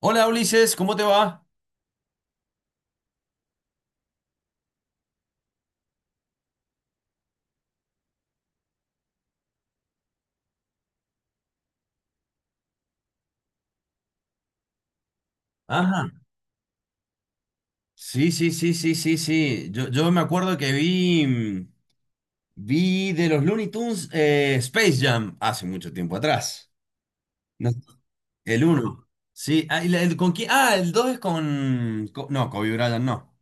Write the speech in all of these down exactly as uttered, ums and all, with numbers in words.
Hola Ulises, ¿cómo te va? Ajá. Sí, sí, sí, sí, sí, sí. Yo, yo me acuerdo que vi, mm, vi de los Looney Tunes eh, Space Jam hace mucho tiempo atrás. No, el uno. Sí, ah, y la- el, ¿con quién? Ah, el dos es con, co- no, Kobe Bryant no.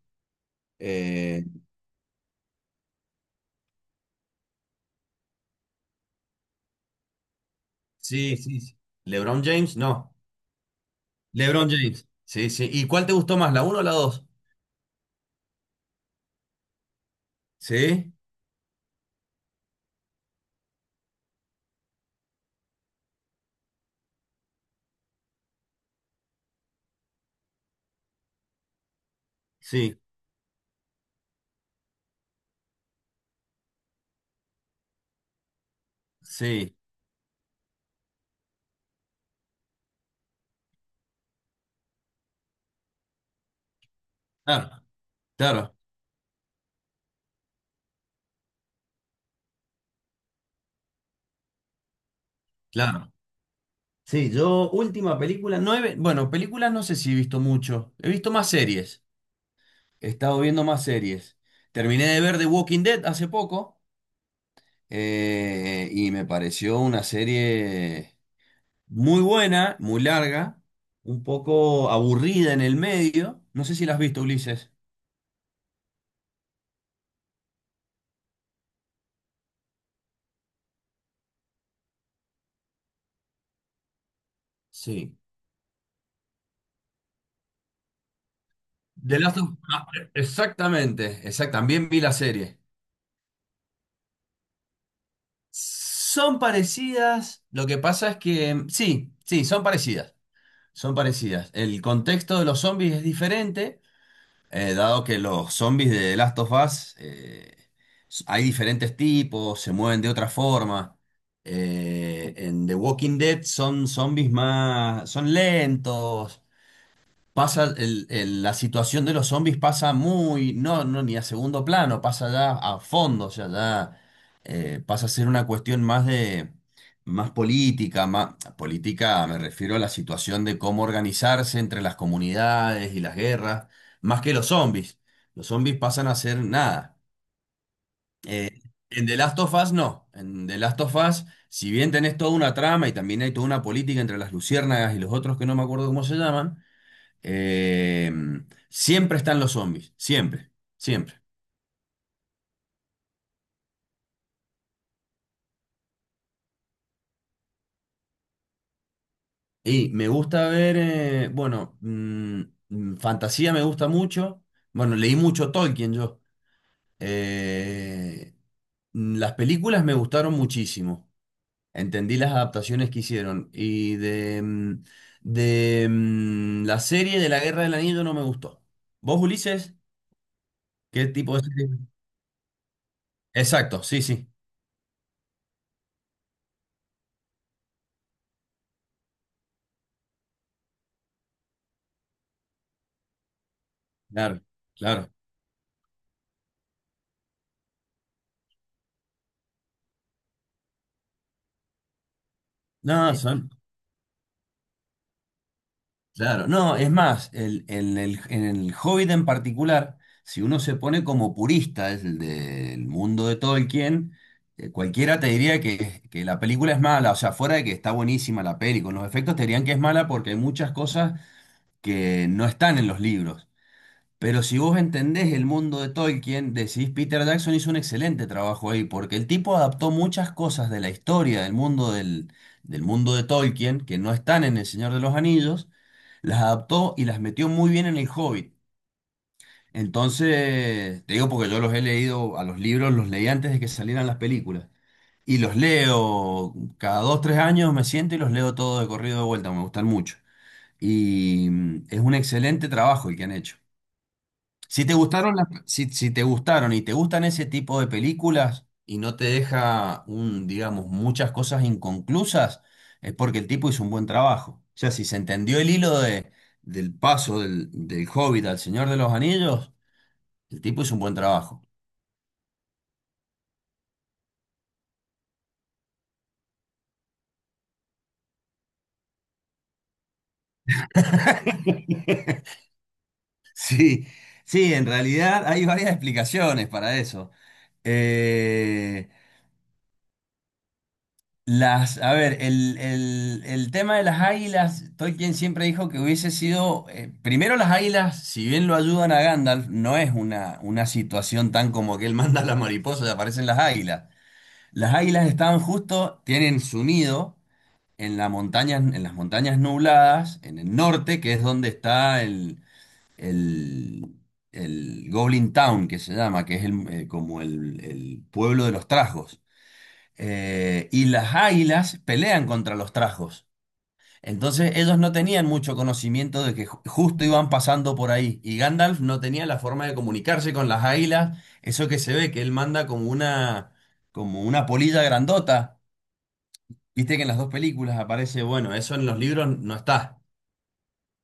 Eh, sí, sí, sí. LeBron James, no. LeBron James. Sí, sí. ¿Y cuál te gustó más, la uno o la dos? Sí, sí, sí. Claro, claro, claro. Sí, yo última película, no he ve- bueno, películas no sé si he visto mucho, he visto más series, he estado viendo más series. Terminé de ver The Walking Dead hace poco, eh, y me pareció una serie muy buena, muy larga, un poco aburrida en el medio. No sé si la has visto, Ulises. Sí. The Last of- ah, Exactamente, exact- también vi la serie. Son parecidas, lo que pasa es que sí, sí, son parecidas. Son parecidas. El contexto de los zombies es diferente, eh, dado que los zombies de Last of Us, eh, s- hay diferentes tipos, se mueven de otra forma. Eh, en The Walking Dead son zombies más, son lentos. Pasa, el- el- la situación de los zombies pasa muy, no, no, ni a segundo plano, pasa ya a fondo, o sea, ya eh, pasa a ser una cuestión más de, más política, más, política me refiero a la situación de cómo organizarse entre las comunidades y las guerras, más que los zombies. Los zombies pasan a ser nada. Eh, en The Last of Us no, en The Last of Us, si bien tenés toda una trama y también hay toda una política entre las luciérnagas y los otros que no me acuerdo cómo se llaman, eh, siempre están los zombies, siempre, siempre. Y me gusta ver, eh, bueno, mm, mm, fantasía me gusta mucho. Bueno, leí mucho Tolkien yo. Eh, mm, las películas me gustaron muchísimo. Entendí las adaptaciones que hicieron. Y de, mm, de mm, la serie de la Guerra del Anillo no me gustó. ¿Vos, Ulises? ¿Qué tipo de serie? Exacto, sí, sí. Claro, claro. No, son, claro, no, es más, el, el- el- en el Hobbit en particular, si uno se pone como purista es el del mundo de Tolkien, eh, cualquiera te diría que, que la película es mala, o sea, fuera de que está buenísima la peli, con los efectos te dirían que es mala porque hay muchas cosas que no están en los libros. Pero si vos entendés el mundo de Tolkien, decís Peter Jackson hizo un excelente trabajo ahí, porque el tipo adaptó muchas cosas de la historia del mundo del, del mundo de Tolkien, que no están en El Señor de los Anillos, las adaptó y las metió muy bien en El Hobbit. Entonces, te digo porque yo los he leído, a los libros los leí antes de que salieran las películas. Y los leo cada dos, tres años, me siento y los leo todo de corrido de vuelta, me gustan mucho. Y mm, es un excelente trabajo el que han hecho. Si te gustaron las- si, si, te gustaron y te gustan ese tipo de películas y no te deja un, digamos, muchas cosas inconclusas, es porque el tipo hizo un buen trabajo. O sea, si se entendió el hilo de, del paso del, del Hobbit al Señor de los Anillos, el tipo hizo un buen trabajo. Sí, sí, en realidad hay varias explicaciones para eso. Eh, Las, a ver, el, el- el tema de las águilas, Tolkien siempre dijo que hubiese sido, eh, primero las águilas, si bien lo ayudan a Gandalf, no es una, una situación tan como que él manda a las mariposas y aparecen las águilas. Las águilas estaban justo, tienen su nido en la montaña, en las montañas nubladas, en el norte, que es donde está el, el, el Goblin Town, que se llama, que es el, eh, como el, el pueblo de los trasgos, eh, y las águilas pelean contra los trajos. Entonces ellos no tenían mucho conocimiento de que ju- justo iban pasando por ahí y Gandalf no tenía la forma de comunicarse con las águilas, eso que se ve que él manda como una como una polilla grandota, viste que en las dos películas aparece, bueno, eso en los libros no está.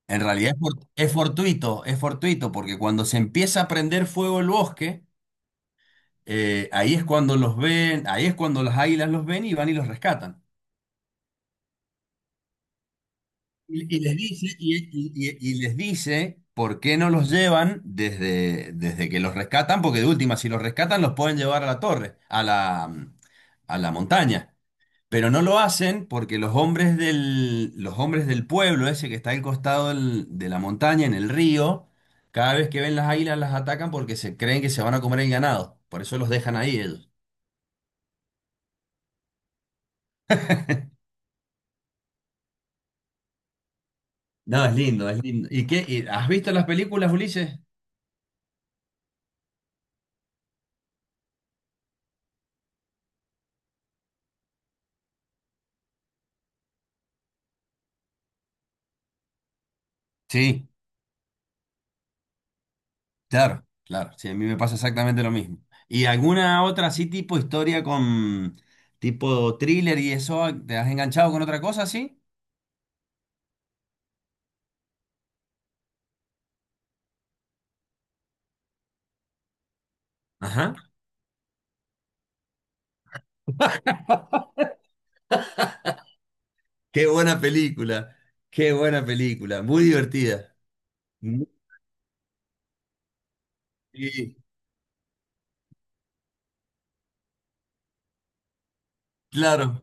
En realidad es, for- es fortuito, es fortuito porque cuando se empieza a prender fuego el bosque, eh, ahí es cuando los ven, ahí es cuando las águilas los ven y van y los rescatan. Y, y les dice, y, y- y- y les dice por qué no los llevan desde, desde que los rescatan, porque de última, si los rescatan, los pueden llevar a la torre, a la, a la montaña. Pero no lo hacen porque los hombres del, los hombres del pueblo, ese que está al costado del- de la montaña, en el río, cada vez que ven las águilas las atacan porque se creen que se van a comer el ganado. Por eso los dejan ahí ellos. No, es lindo, es lindo. ¿Y qué? ¿Y- ¿Has visto las películas, Ulises? Sí. Claro, claro, sí, a mí me pasa exactamente lo mismo. ¿Y alguna otra así tipo historia con tipo thriller y eso? ¿Te has enganchado con otra cosa así? Ajá. Qué buena película, qué buena película, muy divertida. Mm. Sí, claro,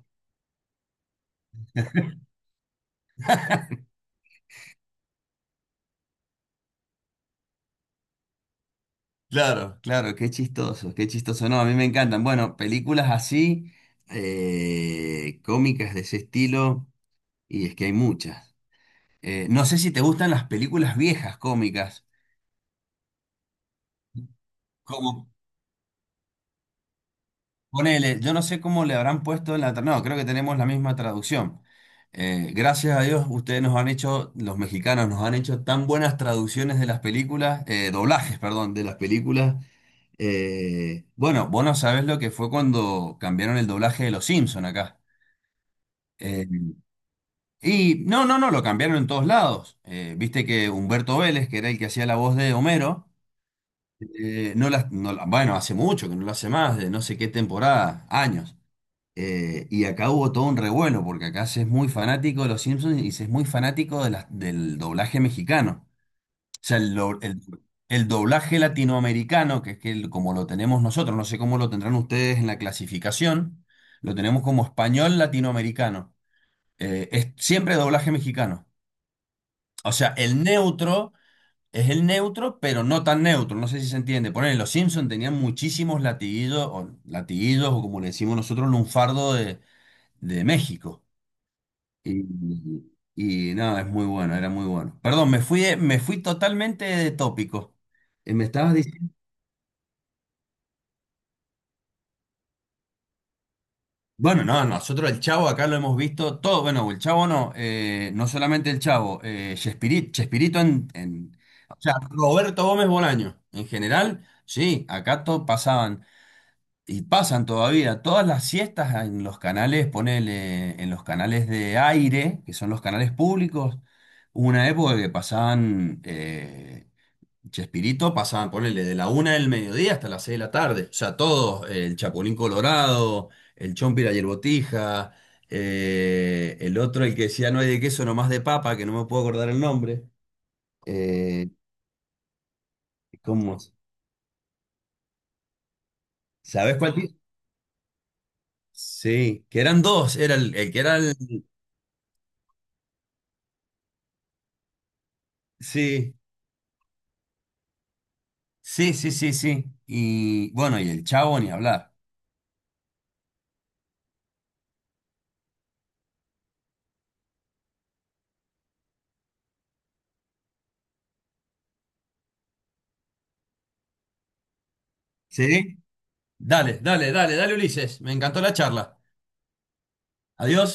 claro, claro, qué chistoso, qué chistoso. No, a mí me encantan. Bueno, películas así, eh, cómicas de ese estilo, y es que hay muchas. Eh, no sé si te gustan las películas viejas cómicas, como ponele, yo no sé cómo le habrán puesto en la... tra- No, creo que tenemos la misma traducción. Eh, gracias a Dios, ustedes nos han hecho, los mexicanos nos han hecho tan buenas traducciones de las películas, eh, doblajes, perdón, de las películas. Eh, bueno, vos no sabés lo que fue cuando cambiaron el doblaje de Los Simpson acá. Eh, y no, no, no, lo cambiaron en todos lados. Eh, viste que Humberto Vélez, que era el que hacía la voz de Homero, eh, no la, no la- bueno, hace mucho que no lo hace más, de no sé qué temporada, años. Eh, y acá hubo todo un revuelo, porque acá se es muy fanático de los Simpsons y se es muy fanático de las- del doblaje mexicano. O sea, el, do- el- el doblaje latinoamericano, que es que el- como lo tenemos nosotros, no sé cómo lo tendrán ustedes en la clasificación, lo tenemos como español latinoamericano. Eh, es siempre doblaje mexicano. O sea, el neutro es el neutro, pero no tan neutro. No sé si se entiende. Ponen, los Simpsons tenían muchísimos latiguillos, o latiguillos, o como le decimos nosotros, lunfardo de de México. Y, y no, es muy bueno, era muy bueno. Perdón, me fui, eh, me fui totalmente de tópico. Eh, me estabas diciendo. Bueno, no, nosotros el Chavo acá lo hemos visto todo. Bueno, el Chavo no, eh, no solamente el Chavo, eh, Chespiri- Chespirito, en, en- O sea, Roberto Gómez Bolaño. En general, sí, acá to- pasaban y pasan todavía todas las siestas en los canales, ponele, en los canales de aire, que son los canales públicos. Hubo una época que pasaban. eh, Chespirito pasaban, ponele, de la una del mediodía hasta las seis de la tarde. O sea, todos, eh, el Chapulín Colorado, el Chompira y el Botija, eh, el otro, el que decía no hay de queso, nomás de papa, que no me puedo acordar el nombre. Eh, ¿cómo? ¿Sabés cuál? ti- Sí, que eran dos, era el, el que era el... Sí, sí, sí, sí, sí. Y bueno, y el Chavo ni hablar. ¿Sí? Dale, dale, dale, dale, Ulises. Me encantó la charla. Adiós.